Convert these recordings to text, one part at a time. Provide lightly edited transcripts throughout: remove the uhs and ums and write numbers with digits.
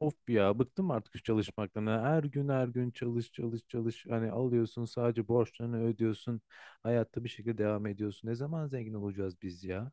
Of ya bıktım artık şu çalışmaktan. Yani, her gün her gün çalış çalış çalış. Hani alıyorsun, sadece borçlarını ödüyorsun. Hayatta bir şekilde devam ediyorsun. Ne zaman zengin olacağız biz ya?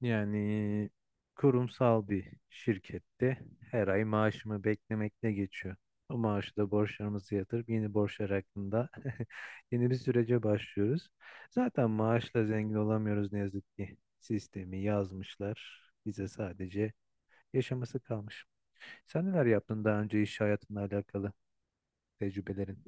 Yani kurumsal bir şirkette her ay maaşımı beklemekle geçiyor. O maaşı da borçlarımızı yatırıp yeni borçlar hakkında yeni bir sürece başlıyoruz. Zaten maaşla zengin olamıyoruz ne yazık ki. Sistemi yazmışlar. Bize sadece yaşaması kalmış. Sen neler yaptın daha önce, iş hayatınla alakalı tecrübelerin?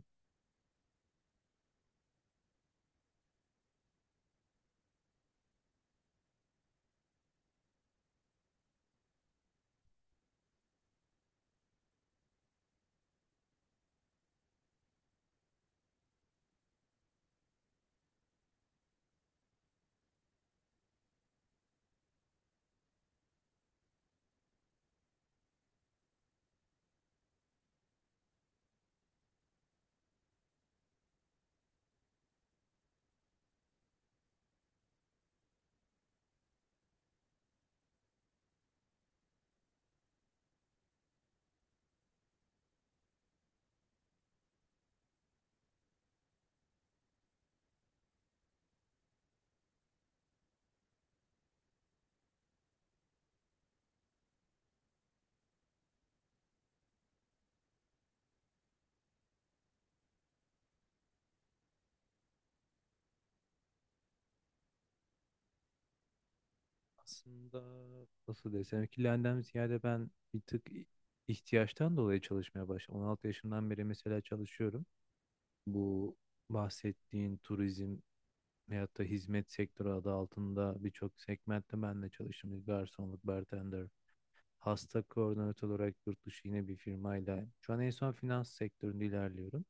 Aslında, nasıl desem, ikilenden ziyade ben bir tık ihtiyaçtan dolayı çalışmaya başladım. 16 yaşından beri mesela çalışıyorum. Bu bahsettiğin turizm veyahut da hizmet sektörü adı altında birçok segmentte ben de çalıştım. Garsonluk, bartender, hasta koordinatör olarak yurt dışı yine bir firmayla. Şu an en son finans sektöründe ilerliyorum.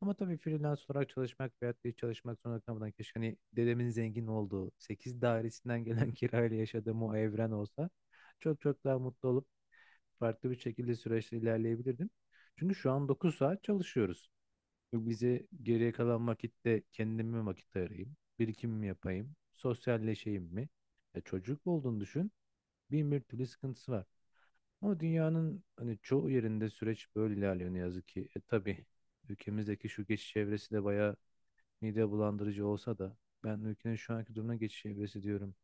Ama tabii freelance olarak çalışmak veyahut da hiç çalışmak zorunda kalmadan, keşke hani dedemin zengin olduğu 8 dairesinden gelen kirayla yaşadığım o evren olsa çok çok daha mutlu olup farklı bir şekilde süreçte ilerleyebilirdim. Çünkü şu an 9 saat çalışıyoruz. Bu bize geriye kalan vakitte kendime vakit ayırayım, birikimimi yapayım, sosyalleşeyim mi? Ya çocuk olduğunu düşün, bin bir türlü sıkıntısı var. Ama dünyanın hani çoğu yerinde süreç böyle ilerliyor ne yazık ki. Tabii ülkemizdeki şu geçiş çevresi de bayağı mide bulandırıcı olsa da ben ülkenin şu anki durumuna geçiş evresi diyorum.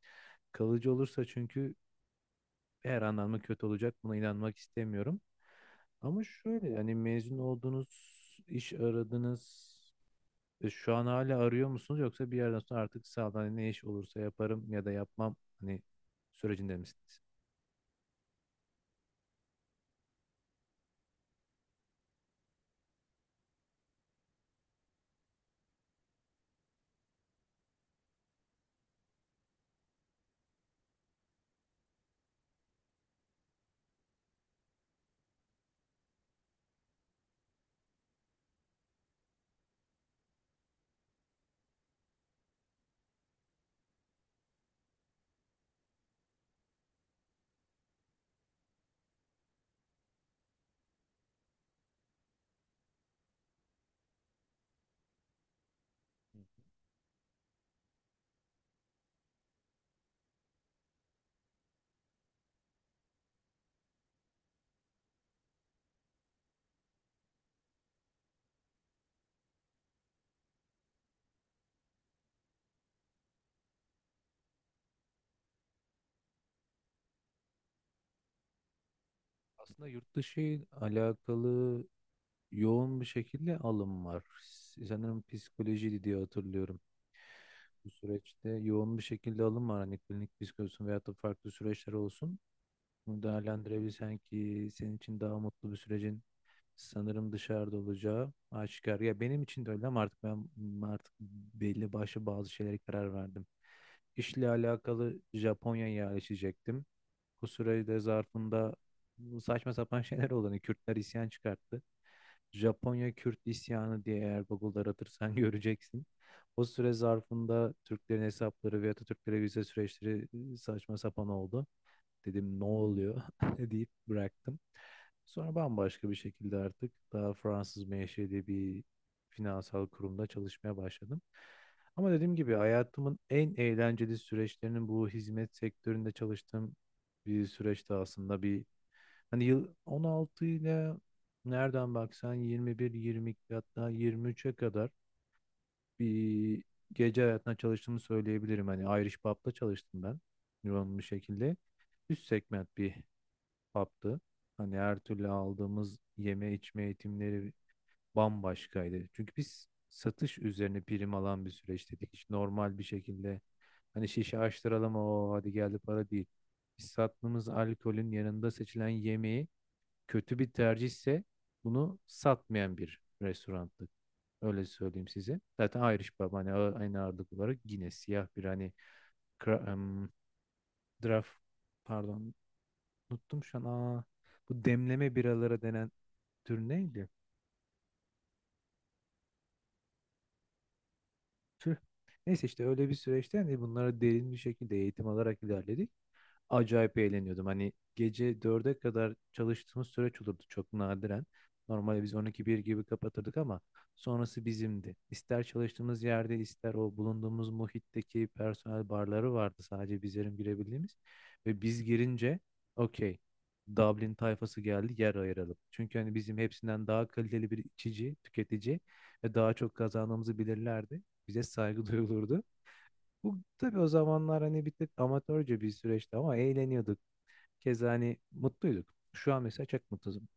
Kalıcı olursa çünkü her anlamda kötü olacak. Buna inanmak istemiyorum. Ama şöyle, hani mezun oldunuz, iş aradınız. Şu an hala arıyor musunuz, yoksa bir yerden sonra artık sağdan hani ne iş olursa yaparım ya da yapmam, hani sürecinde misiniz? Aslında yurt dışı ile alakalı yoğun bir şekilde alım var. Sanırım psikolojiydi diye hatırlıyorum. Bu süreçte yoğun bir şekilde alım var. Hani klinik psikoloji olsun veyahut da farklı süreçler olsun. Bunu değerlendirebilsen ki, senin için daha mutlu bir sürecin sanırım dışarıda olacağı aşikar. Ya benim için de öyle, ama artık ben artık belli başlı bazı şeylere karar verdim. İşle alakalı Japonya'ya yerleşecektim. Bu sürede zarfında bu saçma sapan şeyler oldu. Hani Kürtler isyan çıkarttı. Japonya Kürt isyanı diye eğer Google'da aratırsan göreceksin. O süre zarfında Türklerin hesapları ve Atatürklere vize süreçleri saçma sapan oldu. Dedim ne oluyor deyip bıraktım. Sonra bambaşka bir şekilde artık daha Fransız menşeli bir finansal kurumda çalışmaya başladım. Ama dediğim gibi hayatımın en eğlenceli süreçlerinin bu hizmet sektöründe çalıştığım bir süreçte, aslında bir hani yıl 16 ile nereden baksan 21, 22 hatta 23'e kadar bir gece hayatına çalıştığımı söyleyebilirim. Hani Irish Pub'da çalıştım ben yoğun bir şekilde. Üst segment bir PAB'dı. Hani her türlü aldığımız yeme içme eğitimleri bambaşkaydı. Çünkü biz satış üzerine prim alan bir süreç dedik. Hiç normal bir şekilde hani şişe açtıralım o hadi geldi para değil. Biz sattığımız alkolün yanında seçilen yemeği, kötü bir tercihse bunu satmayan bir restorandı. Öyle söyleyeyim size. Zaten Irish Pub hani aynı ağırlık olarak yine siyah bir hani kra- em, draft, pardon, unuttum şu an. Bu demleme biralara denen tür neydi? Tüh. Neyse, işte öyle bir süreçten de bunlara derin bir şekilde eğitim alarak ilerledik. Acayip eğleniyordum. Hani gece dörde kadar çalıştığımız süreç olurdu, çok nadiren. Normalde biz 12 bir gibi kapatırdık ama sonrası bizimdi. İster çalıştığımız yerde, ister o bulunduğumuz muhitteki personel barları vardı, sadece bizlerin girebildiğimiz. Ve biz girince okey, Dublin tayfası geldi, yer ayıralım. Çünkü hani bizim hepsinden daha kaliteli bir içici, tüketici ve daha çok kazandığımızı bilirlerdi. Bize saygı duyulurdu. Bu tabii o zamanlar hani bir tık amatörce bir süreçti ama eğleniyorduk. Keza hani mutluyduk. Şu an mesela çok mutsuzum.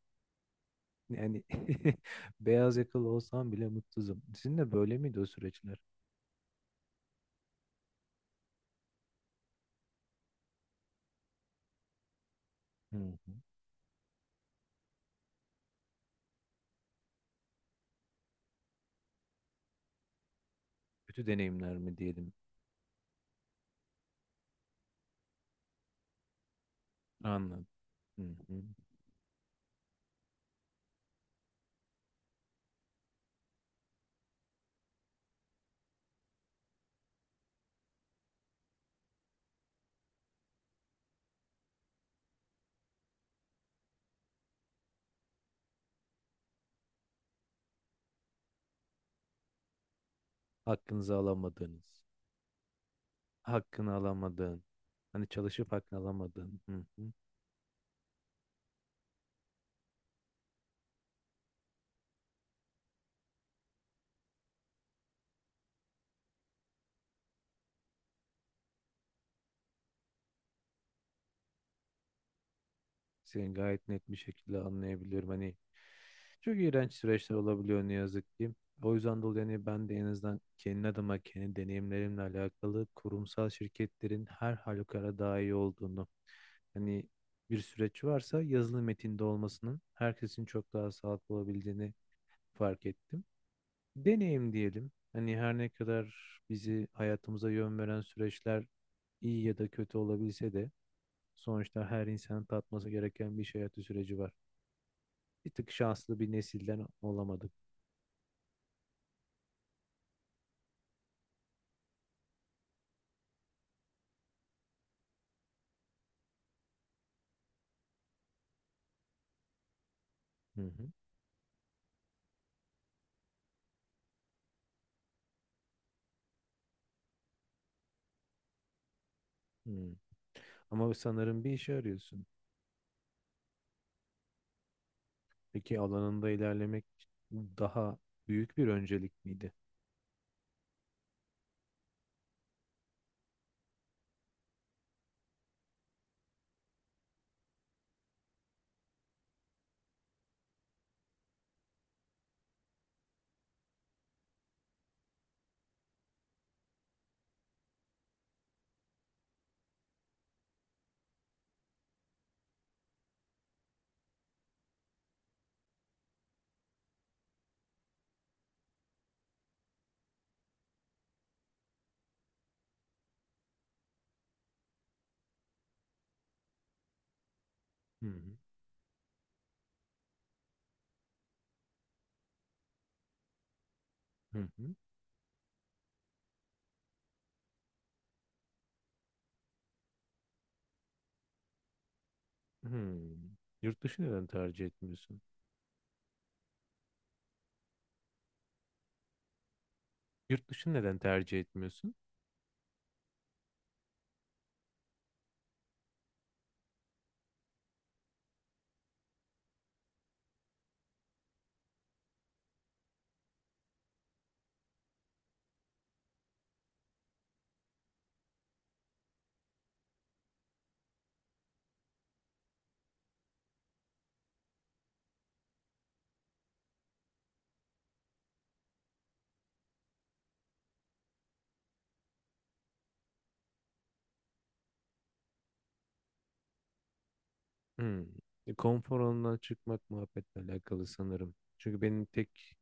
Yani beyaz yakalı olsam bile mutsuzum. Sizin de böyle miydi o süreçler? Hı hı. Kötü deneyimler mi diyelim? Anladım. Hı hı. Hakkınızı alamadığınız, hakkını alamadığın, hani çalışıp hakkını alamadığın. Hı hı. Seni gayet net bir şekilde anlayabiliyorum. Hani çok iğrenç süreçler olabiliyor ne yazık ki. O yüzden dolayı hani ben de en azından kendi adıma, kendi deneyimlerimle alakalı kurumsal şirketlerin her halükarda daha iyi olduğunu, hani bir süreç varsa yazılı metinde olmasının herkesin çok daha sağlıklı olabildiğini fark ettim. Deneyim diyelim. Hani her ne kadar bizi hayatımıza yön veren süreçler iyi ya da kötü olabilse de sonuçta her insanın tatması gereken bir iş hayatı süreci var. Bir tık şanslı bir nesilden olamadık. Hı hı. Hı. Ama sanırım bir işe arıyorsun. Peki alanında ilerlemek daha büyük bir öncelik miydi? Hı hı. Hı hı. Hı. Yurt dışı neden tercih etmiyorsun? Yurt dışı neden tercih etmiyorsun? Hı. Konfor alanından çıkmak muhabbetle alakalı sanırım. Çünkü benim tek,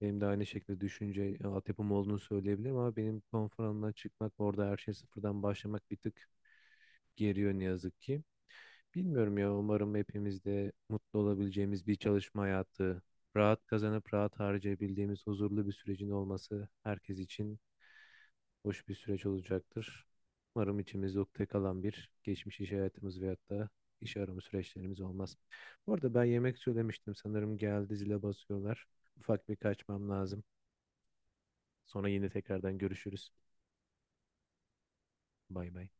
benim de aynı şekilde düşünce altyapım olduğunu söyleyebilirim ama benim konfor alanından çıkmak, orada her şey sıfırdan başlamak bir tık geriyor ne yazık ki. Bilmiyorum ya, umarım hepimiz de mutlu olabileceğimiz bir çalışma hayatı, rahat kazanıp rahat harcayabildiğimiz huzurlu bir sürecin olması herkes için hoş bir süreç olacaktır. Umarım içimizde ukde kalan bir geçmiş iş hayatımız veyahut da iş arama süreçlerimiz olmaz. Bu arada ben yemek söylemiştim, sanırım geldi, zile basıyorlar. Ufak bir kaçmam lazım. Sonra yine tekrardan görüşürüz. Bay bay.